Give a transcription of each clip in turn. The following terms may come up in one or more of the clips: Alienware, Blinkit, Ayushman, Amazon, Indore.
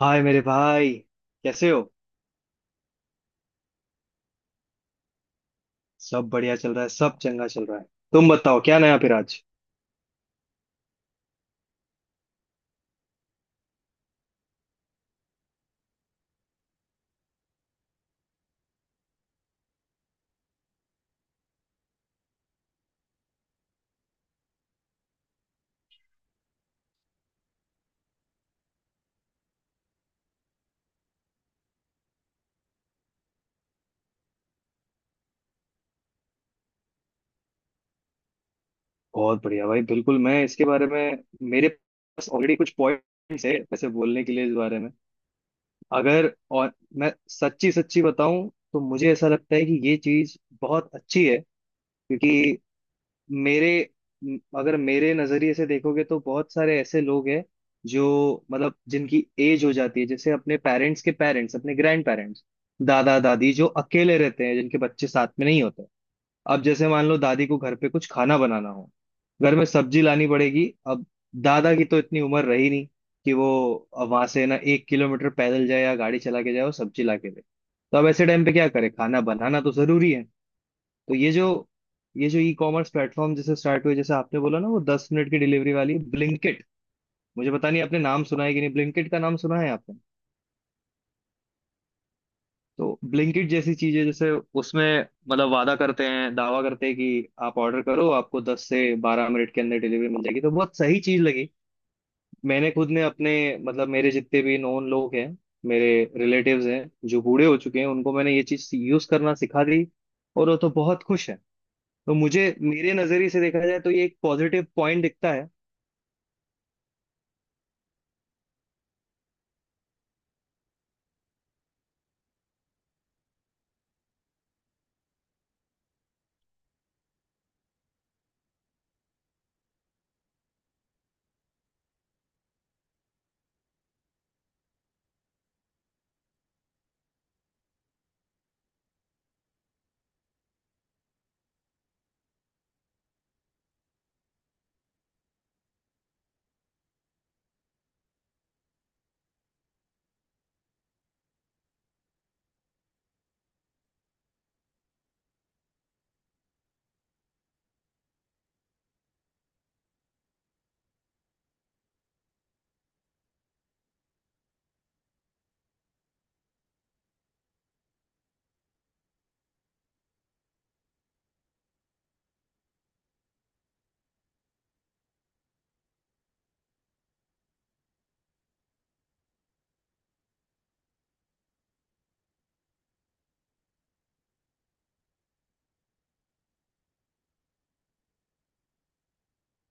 हाय मेरे भाई। कैसे हो? सब बढ़िया चल रहा है, सब चंगा चल रहा है। तुम बताओ क्या नया फिर आज? बहुत बढ़िया भाई, बिल्कुल। मैं इसके बारे में, मेरे पास ऑलरेडी कुछ पॉइंट्स है ऐसे बोलने के लिए इस बारे में। अगर और मैं सच्ची सच्ची बताऊं तो मुझे ऐसा लगता है कि ये चीज बहुत अच्छी है, क्योंकि मेरे अगर मेरे नजरिए से देखोगे तो बहुत सारे ऐसे लोग हैं जो मतलब जिनकी एज हो जाती है, जैसे अपने पेरेंट्स के पेरेंट्स, अपने ग्रैंड पेरेंट्स, दादा दादी जो अकेले रहते हैं, जिनके बच्चे साथ में नहीं होते। अब जैसे मान लो दादी को घर पे कुछ खाना बनाना हो, घर में सब्जी लानी पड़ेगी। अब दादा की तो इतनी उम्र रही नहीं कि वो वहां से ना 1 किलोमीटर पैदल जाए या गाड़ी चला के जाए और सब्जी ला के दे। तो अब ऐसे टाइम पे क्या करे, खाना बनाना तो जरूरी है। तो ये जो ई कॉमर्स प्लेटफॉर्म जैसे स्टार्ट हुए, जैसे आपने बोला ना, वो 10 मिनट की डिलीवरी वाली ब्लिंकिट। मुझे पता नहीं आपने नाम सुना है कि नहीं, ब्लिंकिट का नाम सुना है आपने? तो ब्लिंकिट जैसी चीजें, जैसे उसमें मतलब वादा करते हैं, दावा करते हैं कि आप ऑर्डर करो आपको 10 से 12 मिनट के अंदर डिलीवरी मिल जाएगी, तो बहुत सही चीज लगी। मैंने खुद ने अपने मतलब मेरे जितने भी नोन लोग हैं, मेरे रिलेटिव्स हैं जो बूढ़े हो चुके हैं, उनको मैंने ये चीज यूज करना सिखा दी, और वो तो बहुत खुश है। तो मुझे, मेरे नजरिए से देखा जाए तो ये एक पॉजिटिव पॉइंट दिखता है।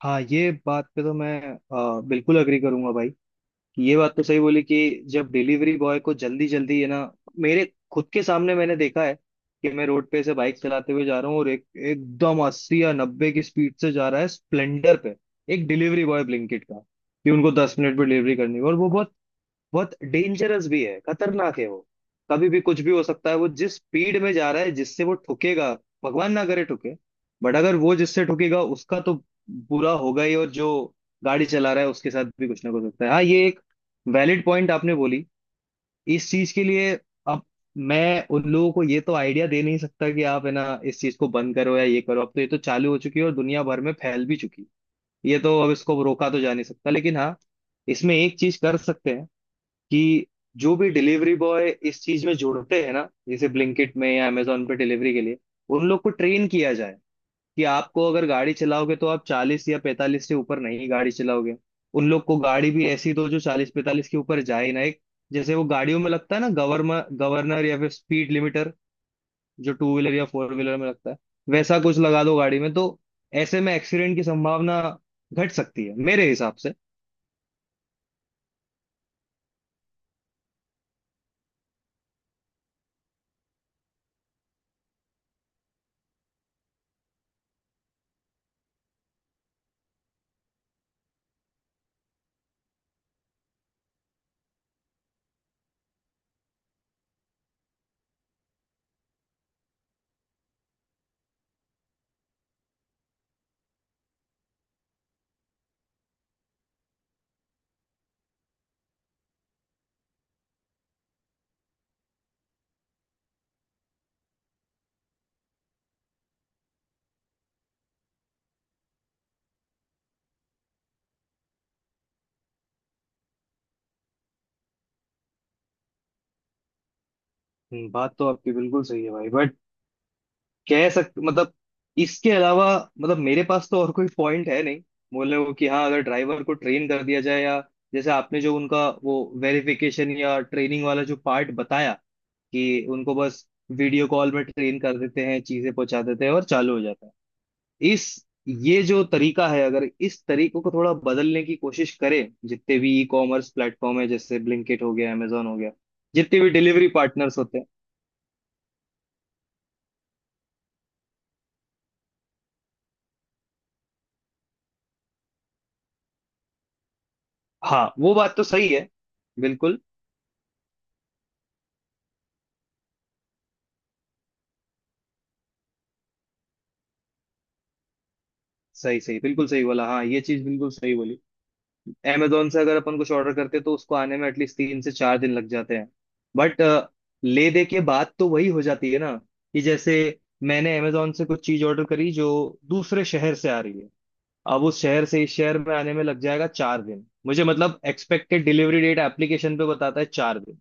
हाँ, ये बात पे तो मैं बिल्कुल अग्री करूंगा भाई, कि ये बात तो सही बोली। कि जब डिलीवरी बॉय को जल्दी जल्दी है ना, मेरे खुद के सामने मैंने देखा है कि मैं रोड पे से बाइक चलाते हुए जा रहा हूँ और एक एकदम 80 या 90 की स्पीड से जा रहा है स्प्लेंडर पे एक डिलीवरी बॉय ब्लिंकिट का, कि उनको 10 मिनट में डिलीवरी करनी है। और वो बहुत बहुत डेंजरस भी है, खतरनाक है वो। कभी भी कुछ भी हो सकता है, वो जिस स्पीड में जा रहा है, जिससे वो ठुकेगा, भगवान ना करे ठुके, बट अगर वो जिससे ठुकेगा उसका तो बुरा होगा ही, और जो गाड़ी चला रहा है उसके साथ भी कुछ ना कुछ होता है। हाँ, ये एक वैलिड पॉइंट आपने बोली इस चीज के लिए। अब मैं उन लोगों को ये तो आइडिया दे नहीं सकता कि आप है ना इस चीज को बंद करो या ये करो, अब तो ये तो चालू हो चुकी है और दुनिया भर में फैल भी चुकी है। ये तो अब इसको रोका तो जा नहीं सकता, लेकिन हाँ, इसमें एक चीज कर सकते हैं, कि जो भी डिलीवरी बॉय इस चीज में जुड़ते हैं ना, जैसे ब्लिंकिट में या अमेजोन पे डिलीवरी के लिए, उन लोग को ट्रेन किया जाए कि आपको, अगर गाड़ी चलाओगे तो आप 40 या 45 से ऊपर नहीं गाड़ी चलाओगे। उन लोग को गाड़ी भी ऐसी दो जो 40 45 के ऊपर जाए ही ना। एक जैसे वो गाड़ियों में लगता है ना गवर्नर गवर्नर या फिर स्पीड लिमिटर, जो टू व्हीलर या फोर व्हीलर में लगता है, वैसा कुछ लगा दो गाड़ी में, तो ऐसे में एक्सीडेंट की संभावना घट सकती है मेरे हिसाब से। बात तो आपकी बिल्कुल सही है भाई। बट कह सक मतलब इसके अलावा मतलब मेरे पास तो और कोई पॉइंट है नहीं बोलने को कि हाँ अगर ड्राइवर को ट्रेन कर दिया जाए, या जैसे आपने जो उनका वो वेरिफिकेशन या ट्रेनिंग वाला जो पार्ट बताया कि उनको बस वीडियो कॉल में ट्रेन कर देते हैं, चीजें पहुंचा देते हैं और चालू हो जाता है। इस ये जो तरीका है, अगर इस तरीकों को थोड़ा बदलने की कोशिश करें। जितने भी ई कॉमर्स प्लेटफॉर्म है जैसे ब्लिंकिट हो गया, amazon हो गया, जितने भी डिलीवरी पार्टनर्स होते हैं। हाँ वो बात तो सही है, बिल्कुल। सही सही, बिल्कुल सही बोला, हाँ ये चीज बिल्कुल सही बोली। अमेजोन से अगर अपन कुछ ऑर्डर करते तो उसको आने में एटलीस्ट 3 से 4 दिन लग जाते हैं। बट ले दे के बात तो वही हो जाती है ना, कि जैसे मैंने अमेजोन से कुछ चीज ऑर्डर करी जो दूसरे शहर से आ रही है, अब उस शहर से इस शहर में आने में लग जाएगा 4 दिन, मुझे मतलब एक्सपेक्टेड डिलीवरी डेट एप्लीकेशन पे बताता है 4 दिन।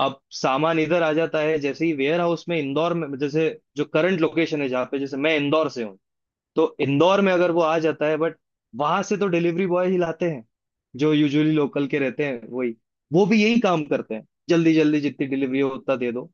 अब सामान इधर आ जाता है, जैसे ही वेयर हाउस में इंदौर में, जैसे जो करंट लोकेशन है जहाँ पे, जैसे मैं इंदौर से हूँ, तो इंदौर में अगर वो आ जाता है, बट वहां से तो डिलीवरी बॉय ही लाते हैं, जो यूजुअली लोकल के रहते हैं वही, वो भी यही काम करते हैं, जल्दी जल्दी जितनी डिलीवरी हो उतना दे दो।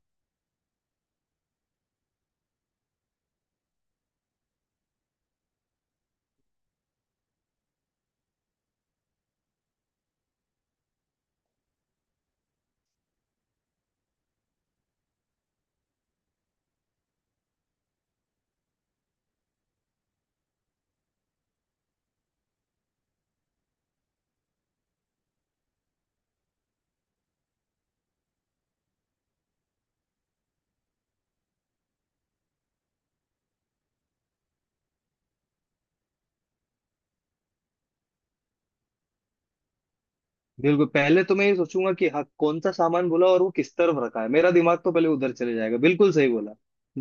बिल्कुल, पहले तो मैं ये सोचूंगा कि हाँ कौन सा सामान बोला और वो किस तरफ रखा है, मेरा दिमाग तो पहले उधर चले जाएगा, बिल्कुल सही बोला।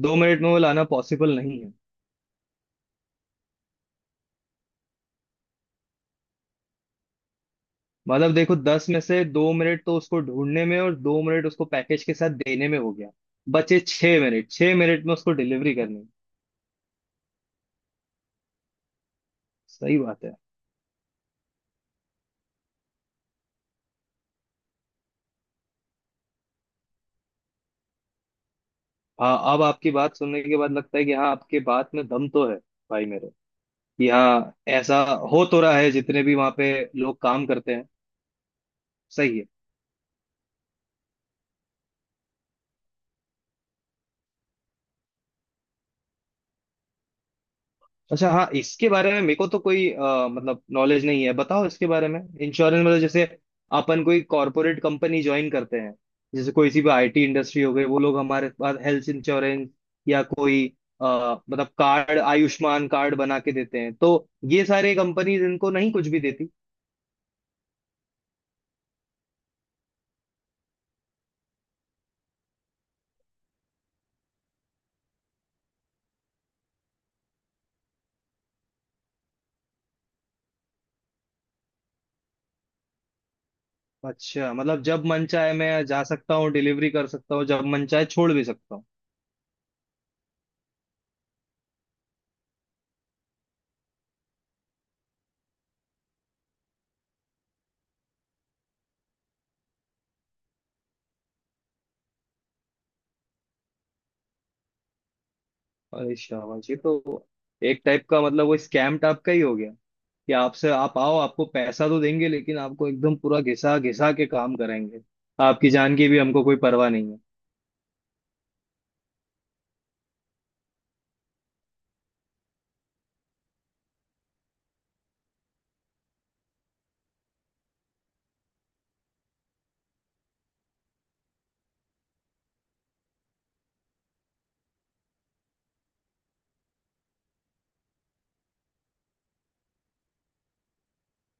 2 मिनट में वो लाना पॉसिबल नहीं है। मतलब देखो 10 में से 2 मिनट तो उसको ढूंढने में, और 2 मिनट उसको पैकेज के साथ देने में हो गया। बचे 6 मिनट, 6 मिनट में उसको डिलीवरी करनी। सही बात है। हाँ, अब आपकी बात सुनने के बाद लगता है कि हाँ, आपके बात में दम तो है भाई मेरे, कि हाँ ऐसा हो तो रहा है जितने भी वहाँ पे लोग काम करते हैं। सही है। अच्छा, हाँ, इसके बारे में मेरे को तो कोई मतलब नॉलेज नहीं है, बताओ इसके बारे में। इंश्योरेंस मतलब जैसे अपन कोई कॉरपोरेट कंपनी ज्वाइन करते हैं, जैसे कोई सी भी आईटी इंडस्ट्री हो गई, वो लोग हमारे पास हेल्थ इंश्योरेंस या कोई, अ, मतलब कार्ड, आयुष्मान कार्ड बना के देते हैं, तो ये सारे कंपनीज इनको नहीं कुछ भी देती। अच्छा, मतलब जब मन चाहे मैं जा सकता हूँ डिलीवरी कर सकता हूँ, जब मन चाहे छोड़ भी सकता हूँ। अरे शाबाश, ये तो एक टाइप का मतलब वो स्कैम टाइप का ही हो गया, कि आपसे, आप आओ, आपको पैसा तो देंगे लेकिन आपको एकदम पूरा घिसा घिसा के काम कराएंगे। आपकी जान की भी हमको कोई परवाह नहीं है।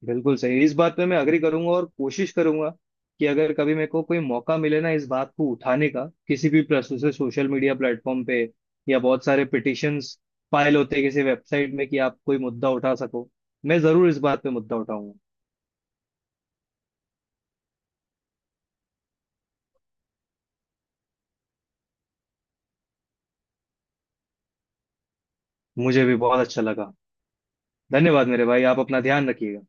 बिल्कुल सही, इस बात पे मैं अग्री करूंगा और कोशिश करूंगा कि अगर कभी मेरे को कोई मौका मिले ना इस बात को उठाने का, किसी भी प्लस से सोशल मीडिया प्लेटफॉर्म पे या बहुत सारे पिटिशंस फाइल होते हैं किसी वेबसाइट में कि आप कोई मुद्दा उठा सको, मैं जरूर इस बात पे मुद्दा उठाऊंगा। मुझे भी बहुत अच्छा लगा। धन्यवाद मेरे भाई, आप अपना ध्यान रखिएगा।